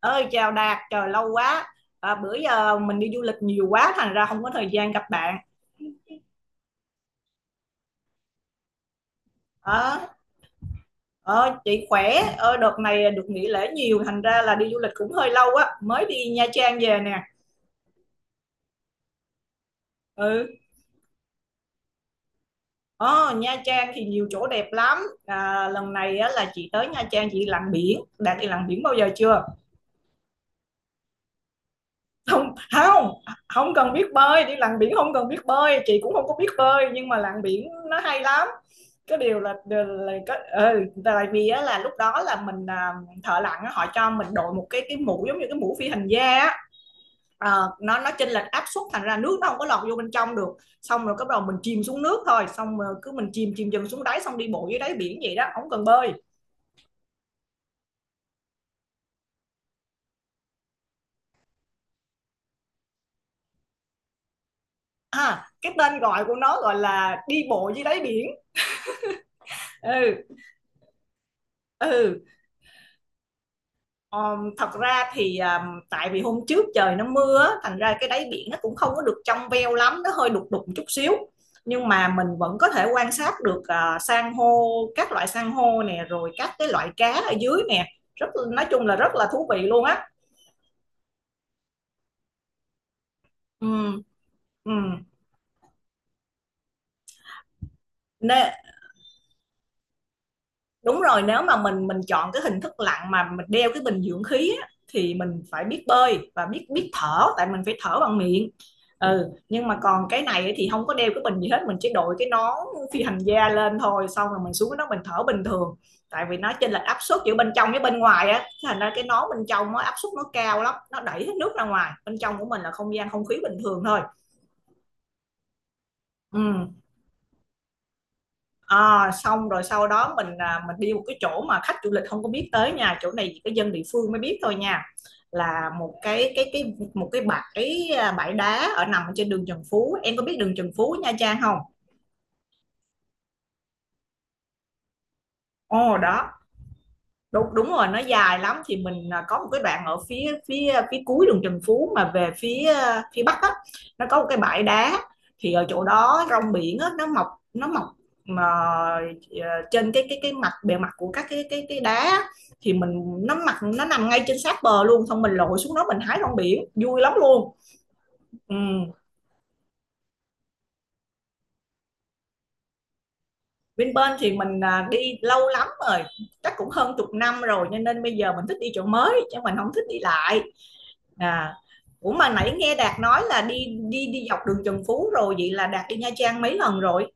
Ơi, chào Đạt, trời lâu quá. Bữa giờ mình đi du lịch nhiều quá thành ra không có thời gian gặp bạn. ờ ờ, chị khỏe. Ờ, Đợt này được nghỉ lễ nhiều thành ra là đi du lịch cũng hơi lâu á, mới đi Nha Trang về nè. ừ ờ, Nha Trang thì nhiều chỗ đẹp lắm. Lần này á, là chị tới Nha Trang chị lặn biển. Đạt đi lặn biển bao giờ chưa? Không không không cần biết bơi đi lặn biển, không cần biết bơi, chị cũng không có biết bơi nhưng mà lặn biển nó hay lắm. Cái điều là, là có, tại vì á, là lúc đó là mình, thợ lặn á, họ cho mình đội một cái mũ giống như cái mũ phi hành gia á. Nó chênh lệch áp suất thành ra nước nó không có lọt vô bên trong được, xong rồi bắt đầu mình chìm xuống nước thôi, xong rồi cứ mình chìm chìm dần xuống đáy, xong đi bộ dưới đáy biển vậy đó, không cần bơi. Cái tên gọi của nó gọi là đi bộ dưới đáy biển. ừ ừ thật ra thì tại vì hôm trước trời nó mưa thành ra cái đáy biển nó cũng không có được trong veo lắm, nó hơi đục đục chút xíu, nhưng mà mình vẫn có thể quan sát được, san hô, các loại san hô nè, rồi các cái loại cá ở dưới nè. Rất, nói chung là rất là thú vị luôn á. ừ, ừ. Nê- Đúng rồi, nếu mà mình chọn cái hình thức lặn mà mình đeo cái bình dưỡng khí á, thì mình phải biết bơi và biết biết thở, tại mình phải thở bằng miệng. Ừ, nhưng mà còn cái này ấy thì không có đeo cái bình gì hết, mình chỉ đội cái nón phi hành gia lên thôi, xong rồi mình xuống cái đó mình thở bình thường, tại vì nó chênh lệch áp suất giữa bên trong với bên ngoài á, thành ra cái nón bên trong nó áp suất nó cao lắm, nó đẩy hết nước ra ngoài, bên trong của mình là không gian không khí bình thường thôi. ừ À, xong rồi sau đó mình, mình đi một cái chỗ mà khách du lịch không có biết tới nha, chỗ này chỉ có dân địa phương mới biết thôi nha, là một cái một cái bãi, bãi đá ở nằm trên đường Trần Phú. Em có biết đường Trần Phú Nha Trang không? Ồ đó, đúng đúng rồi, nó dài lắm. Thì mình, có một cái đoạn ở phía phía phía cuối đường Trần Phú, mà về phía, phía bắc á, nó có một cái bãi đá. Thì ở chỗ đó rong biển á nó mọc, nó mọc mà trên cái mặt bề mặt của các cái đá á, thì mình nó mặt nó nằm ngay trên sát bờ luôn, xong mình lội xuống đó mình hái rong biển vui lắm luôn. ừ. Bên bên thì mình, đi lâu lắm rồi, chắc cũng hơn chục năm rồi, cho nên bây giờ mình thích đi chỗ mới chứ mình không thích đi lại. À, Ủa mà nãy nghe Đạt nói là đi đi đi dọc đường Trần Phú rồi, vậy là Đạt đi Nha Trang mấy lần rồi?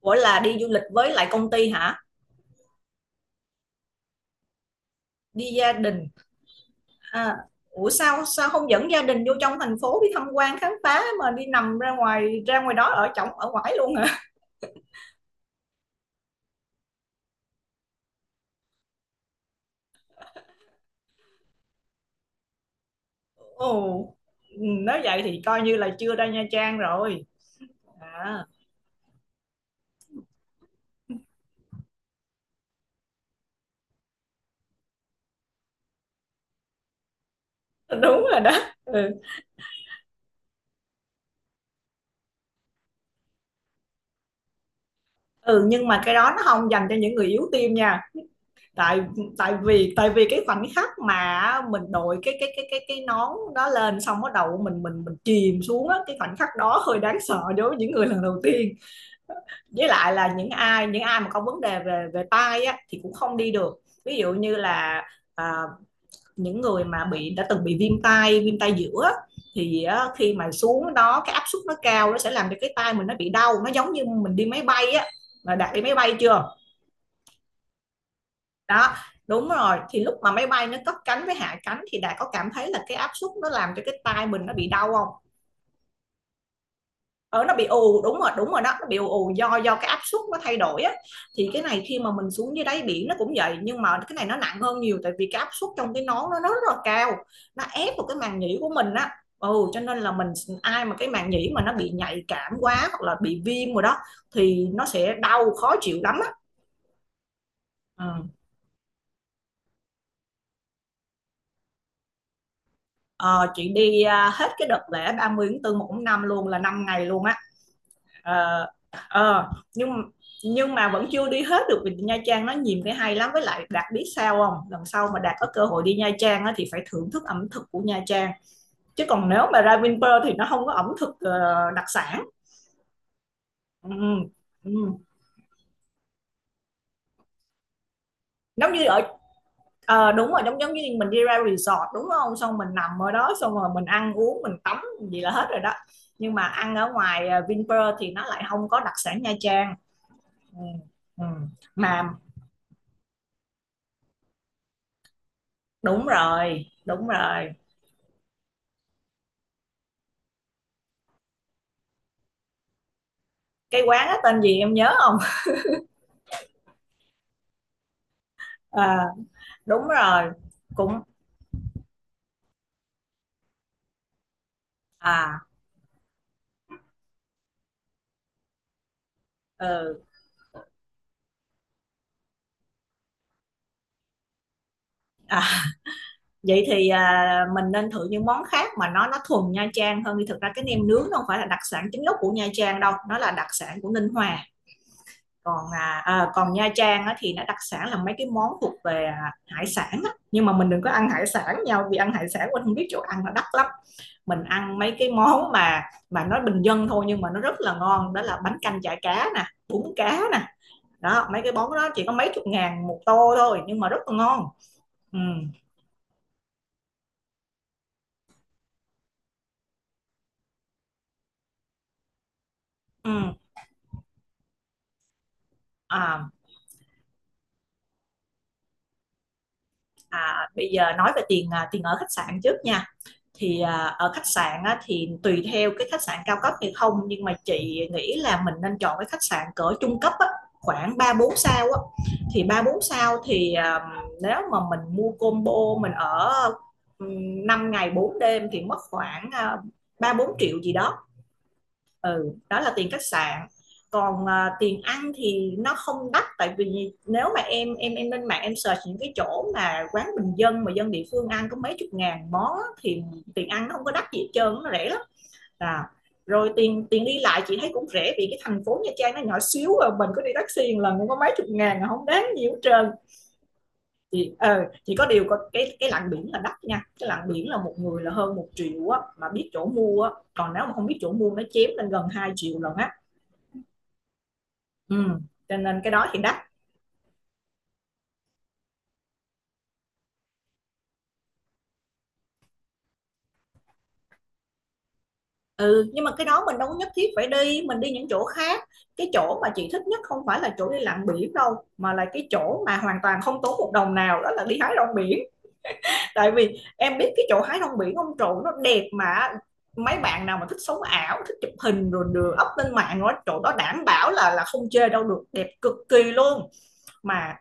Ủa, là đi du lịch với lại công ty hả? Đi gia đình. À, ủa sao sao không dẫn gia đình vô trong thành phố đi tham quan khám phá, mà đi nằm ra ngoài, đó ở chổng ở ngoài luôn hả? Ồ, ừ, nói vậy thì coi như là chưa ra Nha Trang rồi. À, đúng rồi đó. Ừ. Ừ, nhưng mà cái đó nó không dành cho những người yếu tim nha. Tại tại vì Tại vì cái khoảnh khắc mà mình đội cái nón đó lên, xong bắt đầu mình mình chìm xuống á, cái khoảnh khắc đó hơi đáng sợ đối với những người lần đầu tiên, với lại là những ai mà có vấn đề về về tai á thì cũng không đi được. Ví dụ như là, à, những người mà đã từng bị viêm tai, viêm tai giữa á, thì á, khi mà xuống đó cái áp suất nó cao, nó sẽ làm cho cái tai mình nó bị đau, nó giống như mình đi máy bay á. Mà đặt đi máy bay chưa? Đó, đúng rồi, thì lúc mà máy bay nó cất cánh với hạ cánh thì đã có cảm thấy là cái áp suất nó làm cho cái tai mình nó bị đau không? Ở nó bị ù, đúng rồi, đúng rồi đó, nó bị ù, do cái áp suất nó thay đổi á. Thì cái này khi mà mình xuống dưới đáy biển nó cũng vậy, nhưng mà cái này nó nặng hơn nhiều, tại vì cái áp suất trong cái nón nó rất là cao, nó ép vào cái màng nhĩ của mình á. Ừ, cho nên là mình, ai mà cái màng nhĩ mà nó bị nhạy cảm quá hoặc là bị viêm rồi đó thì nó sẽ đau khó chịu lắm á. Ờ. Ờ, chị đi, hết cái đợt lễ 30 tháng 4 một tháng 5 luôn, là 5 ngày luôn á. ờ, ờ, nhưng nhưng mà vẫn chưa đi hết được vì Nha Trang nó nhiều cái hay lắm, với lại Đạt biết sao không, lần sau mà Đạt có cơ hội đi Nha Trang á, thì phải thưởng thức ẩm thực của Nha Trang. Chứ còn nếu mà ra Vinpearl thì nó không có ẩm thực, đặc sản. ừ, ừ. Giống như ở Ờ, đúng rồi, giống giống như mình đi ra resort đúng không? Xong mình nằm ở đó, xong rồi mình ăn uống, mình tắm gì là hết rồi đó. Nhưng mà ăn ở ngoài, Vinpearl thì nó lại không có đặc sản Nha Trang. Ừ. Ừ. Mà đúng rồi, đúng rồi. Cái quán đó tên gì em nhớ không? À, đúng rồi. Cũng, à ừ. À, vậy thì, mình nên thử những món khác mà nó thuần Nha Trang hơn đi. Thực ra cái nem nướng nó không phải là đặc sản chính gốc của Nha Trang đâu, nó là đặc sản của Ninh Hòa. Còn, còn Nha Trang á, thì nó đặc sản là mấy cái món thuộc về, hải sản á. Nhưng mà mình đừng có ăn hải sản nhau, vì ăn hải sản mình không biết chỗ ăn là đắt lắm. Mình ăn mấy cái món mà, nó bình dân thôi, nhưng mà nó rất là ngon, đó là bánh canh chả cá nè, bún cá nè. Đó, mấy cái món đó chỉ có mấy chục ngàn một tô thôi, nhưng mà rất là ngon. ừ, ừ. À, Bây giờ nói về tiền, tiền ở khách sạn trước nha. Thì, ở khách sạn á, thì tùy theo cái khách sạn cao cấp hay không, nhưng mà chị nghĩ là mình nên chọn cái khách sạn cỡ trung cấp á, khoảng ba bốn sao á. Thì ba bốn sao thì, nếu mà mình mua combo, mình ở, 5 ngày 4 đêm thì mất khoảng, 3-4 triệu gì đó. Ừ, đó là tiền khách sạn. Còn, tiền ăn thì nó không đắt, tại vì nếu mà em lên mạng em search những cái chỗ mà quán bình dân mà dân địa phương ăn có mấy chục ngàn món á, thì tiền ăn nó không có đắt gì hết trơn, nó rẻ lắm. À, rồi tiền tiền đi lại chị thấy cũng rẻ, vì cái thành phố Nha Trang nó nhỏ xíu à, mình có đi taxi một lần cũng có mấy chục ngàn à, không đáng nhiều hết trơn. Chị ờ Chỉ có điều có cái lặn biển là đắt nha, cái lặn biển là một người là hơn một triệu á, mà biết chỗ mua á, còn nếu mà không biết chỗ mua nó chém lên gần 2 triệu lần. Ừ, cho nên cái đó thì đắt. Ừ, nhưng mà cái đó mình đâu có nhất thiết phải đi, mình đi những chỗ khác. Cái chỗ mà chị thích nhất không phải là chỗ đi lặn biển đâu, mà là cái chỗ mà hoàn toàn không tốn một đồng nào, đó là đi hái rong biển. Tại vì em biết cái chỗ hái rong biển ông trụ nó đẹp, mà mấy bạn nào mà thích sống ảo, thích chụp hình rồi đưa up lên mạng đó, chỗ đó đảm bảo là không chê đâu được, đẹp cực kỳ luôn. Mà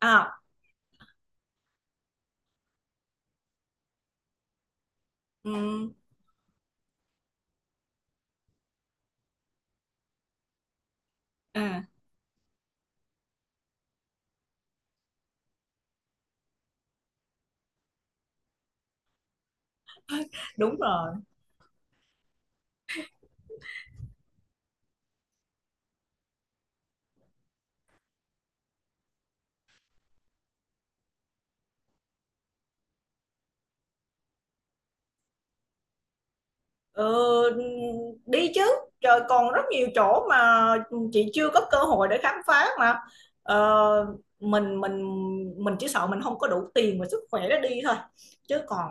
à, ừm, à Đúng rồi. Ờ, đi chứ, trời còn rất nhiều chỗ mà chị chưa có cơ hội để khám phá mà. ờ, mình mình mình chỉ sợ mình không có đủ tiền và sức khỏe để đi thôi, chứ còn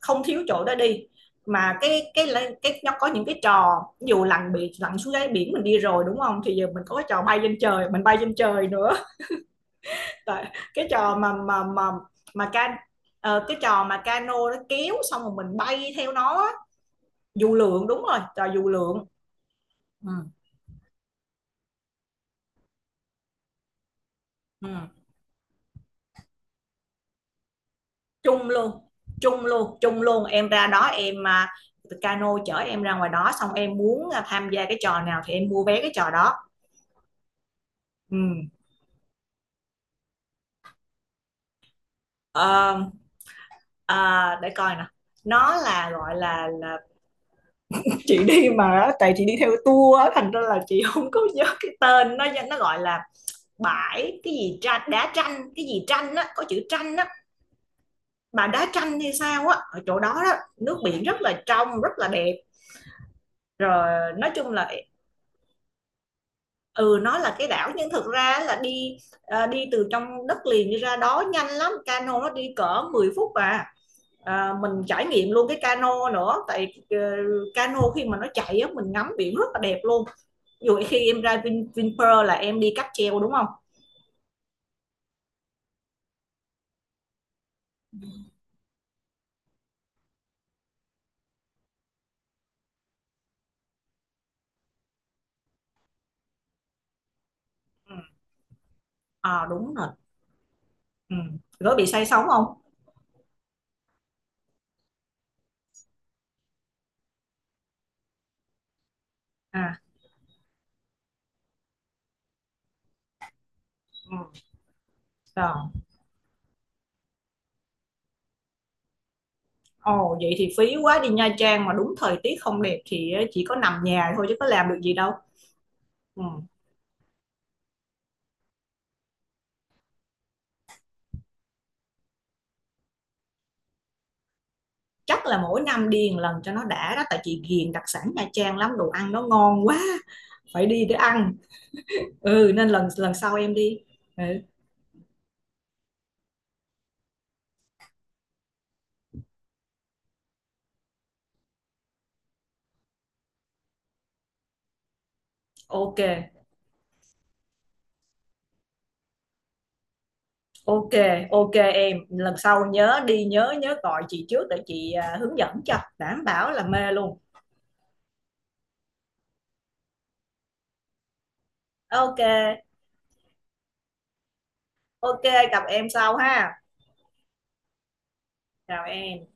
không thiếu chỗ để đi mà. Cái nó có những cái trò, ví dụ lặn biển, lặn xuống đáy biển mình đi rồi đúng không, thì giờ mình có cái trò bay trên trời, mình bay trên trời nữa. Tại- cái trò mà can Cái trò mà cano nó kéo xong rồi mình bay theo nó á. Dù lượn, đúng rồi, trò dù lượn. ừ, ừ. chung luôn Chung luôn, em ra đó em, cano chở em ra ngoài đó, xong em muốn, tham gia cái trò nào thì em mua vé cái trò đó. Ừ. Ờ, để coi nè, nó là gọi là, chị đi mà, tại chị đi theo tour á, thành ra là chị không có nhớ cái tên, nó gọi là bãi cái gì tranh, đá tranh, cái gì tranh á, có chữ tranh á, mà đá tranh hay sao á. Ở chỗ đó đó nước biển rất là trong, rất là đẹp, rồi nói chung là, ừ, nó là cái đảo nhưng thực ra là đi, đi từ trong đất liền đi ra đó nhanh lắm, cano nó đi cỡ 10 phút à. À, mình trải nghiệm luôn cái cano nữa, tại cano khi mà nó chạy á, mình ngắm biển rất là đẹp luôn. Ví dụ khi em ra Vinpearl là em đi cáp treo đúng không? Ừ. À, đúng rồi. Ừ. Có bị say sóng không? à ừ. Rồi. Ồ, vậy thì phí quá, đi Nha Trang mà đúng thời tiết không đẹp thì chỉ có nằm nhà thôi chứ có làm được gì đâu. Ừ. Chắc là mỗi năm đi một lần cho nó đã đó, tại chị ghiền đặc sản Nha Trang lắm, đồ ăn nó ngon quá, phải đi để ăn. Ừ, nên lần lần sau em đi. Ừ. OK. OK. OK, em lần sau nhớ đi, nhớ nhớ gọi chị trước để chị, hướng dẫn cho đảm bảo là mê luôn. OK. OK. Gặp em sau ha. Chào em.